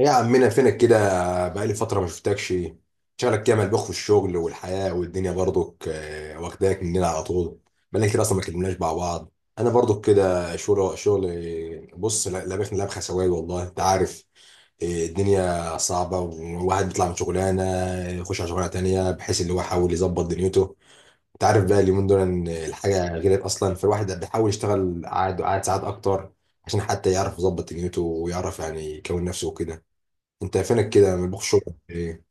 يا عمنا فينك كده؟ بقالي فترة ما شفتكش. شغلك كده ملبوخ في الشغل والحياة والدنيا برضك، واخداك مننا على طول. بقالنا كتير أصلا ما كلمناش مع بعض. أنا برضك كده شغل شغل. بص، لابخني لبخة سواد والله أنت عارف. الدنيا صعبة، والواحد بيطلع من شغلانة، يخش على شغلانة تانية، بحيث اللي هو يحاول يظبط دنيته. أنت عارف بقى اليومين دول إن الحاجة غير أصلا، فالواحد بيحاول يشتغل قاعد قاعد ساعات أكتر، عشان حتى يعرف يظبط دنيته، ويعرف يعني يكون نفسه وكده. انت فينك كده من بوخ الشغل ايه؟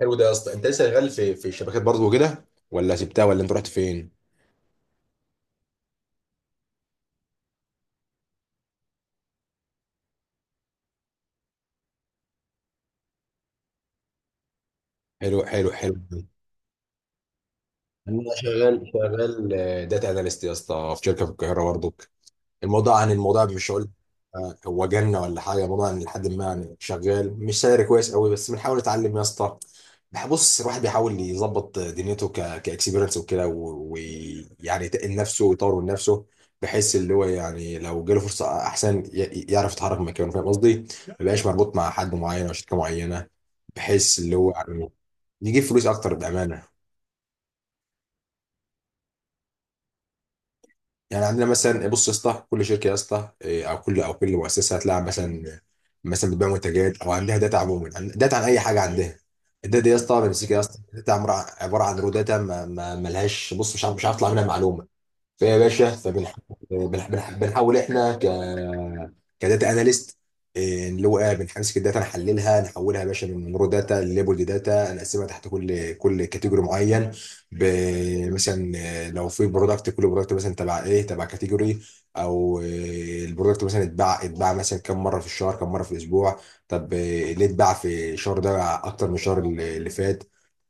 حلو ده يا اسطى، انت لسه شغال في الشبكات برضه وكده، ولا سبتها، ولا انت رحت فين؟ حلو، حلو، حلو. انا شغال شغال. داتا اناليست يا اسطى، في شركه في القاهره برضه. الموضوع عن الموضوع مش هقول. هو جنة ولا حاجة، الموضوع عن لحد ما يعني شغال، مش سعر كويس قوي، بس بنحاول نتعلم يا اسطى. بص، الواحد بيحاول يظبط دنيته كاكسبيرنس وكده، ويعني يتقل نفسه ويطور من نفسه، بحيث اللي هو يعني لو جاله فرصة أحسن يعرف يتحرك من مكانه، فاهم قصدي؟ ما يبقاش مربوط مع حد معين أو شركة معينة، بحيث اللي هو يعني يجيب فلوس أكتر بأمانة. يعني عندنا مثلا، بص يا اسطى، كل شركه يا اسطى، او كل مؤسسه هتلاقي مثلا، مثلا بتبيع منتجات او عندها داتا عموما، داتا عن اي حاجه عندها. الداتا دي يا اسطى بمسكها يا اسطى، داتا عباره عن رو داتا، ملهاش، بص، مش عارف اطلع منها معلومه. فيا باشا، فبنحاول، بنحاول احنا كداتا اناليست. اللي هو بنمسك الداتا، نحللها، نحولها يا باشا من رو داتا لليبل داتا، نقسمها تحت كل كاتيجوري معين. مثلا لو في برودكت، كل برودكت مثلا تبع ايه؟ تبع كاتيجوري. او البرودكت مثلا اتباع مثلا كم مره في الشهر؟ كم مره في الاسبوع؟ طب، ليه اتباع في الشهر ده اكتر من الشهر اللي فات؟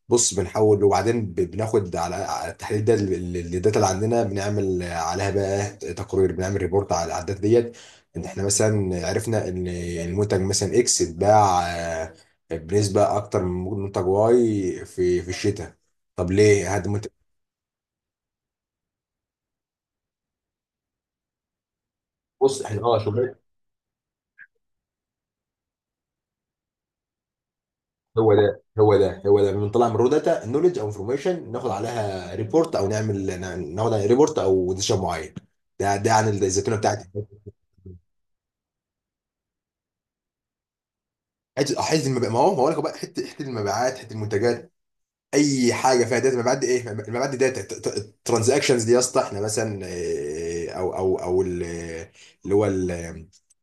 بص، بنحول وبعدين بناخد على التحليل ده، الداتا اللي عندنا بنعمل عليها بقى تقرير، بنعمل ريبورت على الداتا ديت، ان احنا مثلا عرفنا ان المنتج مثلا اكس اتباع بنسبه اكتر من منتج واي في الشتاء. طب ليه هذا منتج؟ بص احنا شغل. هو ده، هو ده، هو ده، بنطلع من رو داتا نولج او انفورميشن، ناخد عليها ريبورت او نعمل، ناخد عليها ريبورت او ديسيشن معين. ده عن الزيتونه بتاعتي. حته المبيعات، ما هو لك بقى، حته المبيعات، حته المنتجات. اي حاجه فيها داتا، مبيعات دي ايه؟ مبيعات دي داتا الترانزاكشنز دي يا اسطى، احنا مثلا او اللي هو ال-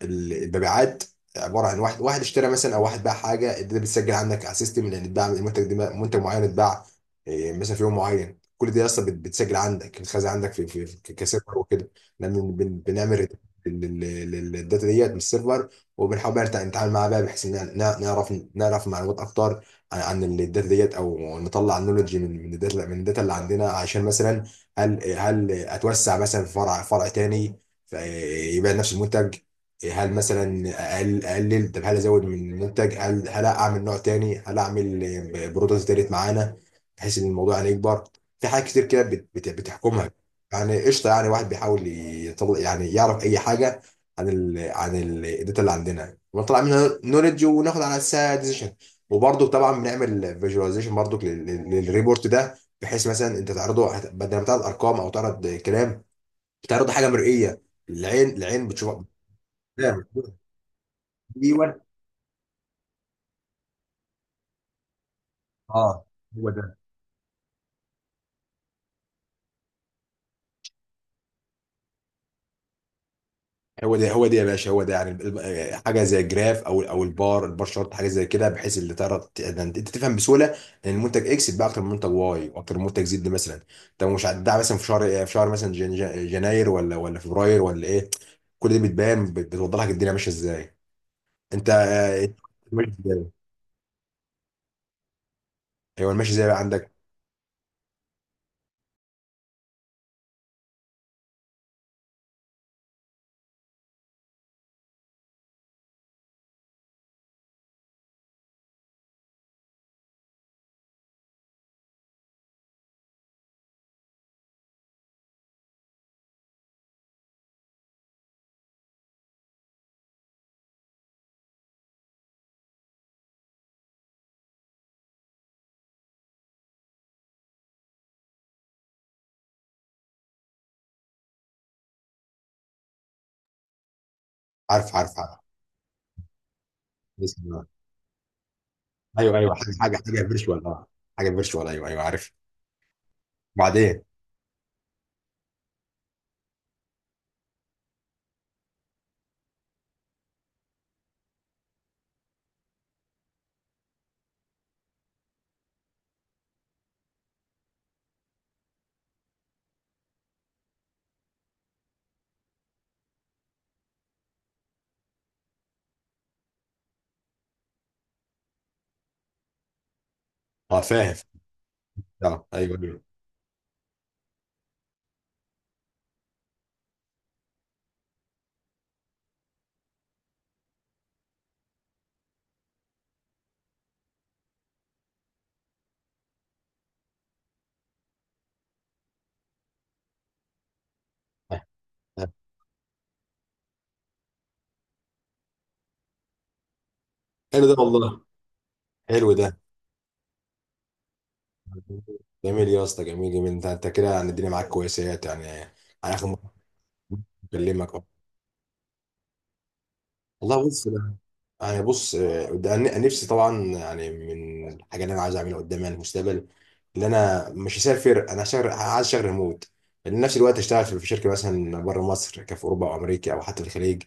ال- المبيعات. عباره عن واحد واحد اشترى مثلا، او واحد باع حاجه، الداتا بتسجل عندك على السيستم، لان اتباع المنتج ده منتج معين اتباع مثلا في يوم معين، كل دي يا اسطى بتسجل عندك، بتخزن عندك في كسيرفر وكده. إحنا بنعمل للداتا ديت من السيرفر، وبنحاول بقى نتعامل معاها بقى، بحيث ان نعرف معلومات اكتر عن الداتا ديت، او نطلع نولوجي من الداتا، من الداتا اللي عندنا، عشان مثلا هل اتوسع مثلا في فرع تاني، فيبقى نفس المنتج، هل مثلا اقلل، طب هل ازود من المنتج، هل اعمل نوع تاني، هل اعمل برودكت تالت معانا، بحيث ان الموضوع يعني يكبر. في حاجات كتير كده بتحكمها، يعني قشطه، يعني واحد بيحاول يطلع، يعني يعرف اي حاجه عن الداتا اللي عندنا، ونطلع منها نولج، وناخد على اساسها decision. وبرضه طبعا بنعمل فيجواليزيشن برضه للريبورت ده، بحيث مثلا انت تعرضه، بدل ما تعرض ارقام او تعرض كلام، بتعرض حاجه مرئيه، العين بتشوفها. نعم. ايوه. اه. هو ده، هو ده، هو ده يا باشا، هو ده يعني حاجه زي الجراف، او البار شارت، حاجه زي كده، بحيث اللي تعرض، انت تفهم بسهوله ان المنتج اكس بقى اكتر من منتج واي واكتر من منتج زد مثلا. طب مش هتباع مثلا في شهر إيه؟ في شهر مثلا جناير، ولا فبراير، ولا ايه؟ كل دي بتبان، بتوضح لك الدنيا ماشيه ازاي. انت ماشي ازاي. ايوه، الماشي ازاي بقى عندك. عارف، عارف، عارف. بسم الله. ايوه، ايوه، حاجه فيرتشوال، اه. حاجه فيرتشوال، ايوه، ايوه، عارف. وبعدين، اه، فاهم، اه، ايوه، ايوه، آه، آه. حلو ده والله. حلو ده. جميل يا اسطى، جميل، جميل. انت كده يعني الدنيا معاك كويسه، يعني على اخر مره بكلمك، اه. والله بص. انا بص، ده أنا نفسي طبعا يعني من الحاجه اللي انا عايز اعملها قدام، يعني المستقبل، اللي انا مش هسافر، انا هشتغل، عايز اشتغل ريموت. لان نفس الوقت اشتغل في شركه مثلا بره مصر، كفي اوروبا او امريكا او حتى في الخليج.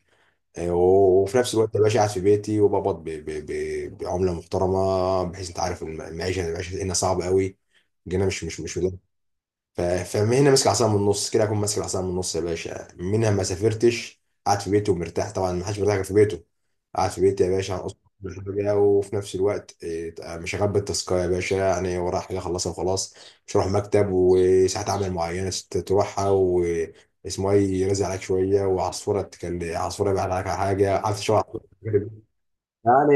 وفي نفس الوقت باشا قاعد في بيتي وبقبض بعمله محترمه، بحيث انت عارف، المعيشه هنا صعبه قوي. جينا مش. فهنا ماسك العصا من النص كده، اكون ماسك العصا من النص يا باشا، منها ما سافرتش، قاعد في بيته ومرتاح، طبعا ما حدش مرتاح غير في بيته. قاعد في بيتي يا باشا عن أصول. حاجة. وفي نفس الوقت مش هغبي التاسكايه يا باشا، يعني ورايا حاجه اخلصها وخلاص. مش هروح مكتب وساعات عمل معينه تروحها، واسمه ايه يرزق عليك شويه، وعصفوره تكلم عصفوره يبعت عليك على حاجه، عارف شو يعني.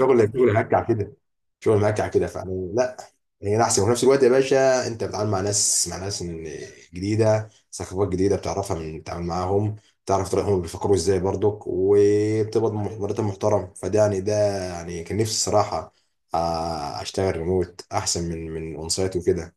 شغل شغل هكع كده، شغل مهكع كده، فيعني لا. هنا احسن، وفي نفس الوقت يا باشا انت بتتعامل مع ناس جديده، ثقافات جديده بتعرفها من بتتعامل معاهم، تعرف طريقهم بيفكروا ازاي برضك، وبتقبض مرتب محترم، فده يعني ده، يعني كان نفسي الصراحه، اشتغل ريموت احسن من اون سايت وكده.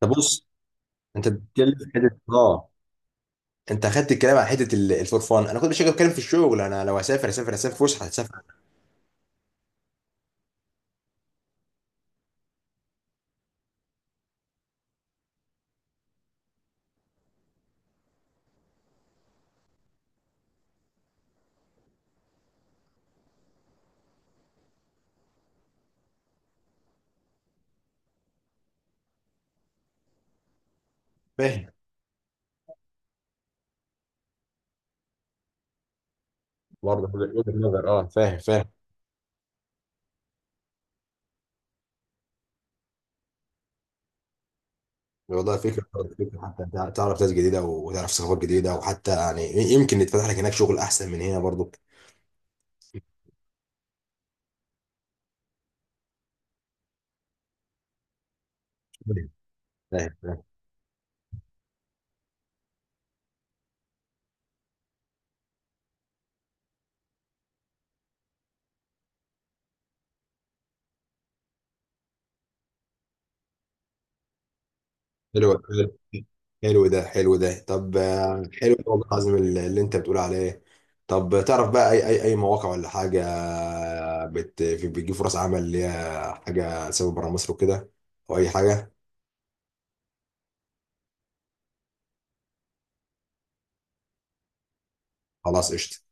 طب بص، انت بتتكلم في حته، اه. انت اخدت الكلام عن حته الفور فان، انا كنت مش بتكلم في الشغل، انا لو هسافر فسحه، هسافر. فاهم. برضه وجهه نظر، اه، فاهم، فاهم. والله فكرة. فكرة حتى، انت تعرف ناس جديدة وتعرف ثقافات جديدة، وحتى يعني يمكن يتفتح لك هناك شغل أحسن من هنا برضو. فاهم، فاهم. حلو، حلو، حلو ده، حلو ده، طب، حلو ده والله العظيم، اللي انت بتقول عليه. طب تعرف بقى أي مواقع ولا حاجة، بتجيب فرص عمل اللي هي حاجة سبب بره مصر وكده، أو أي حاجة. خلاص، قشطة.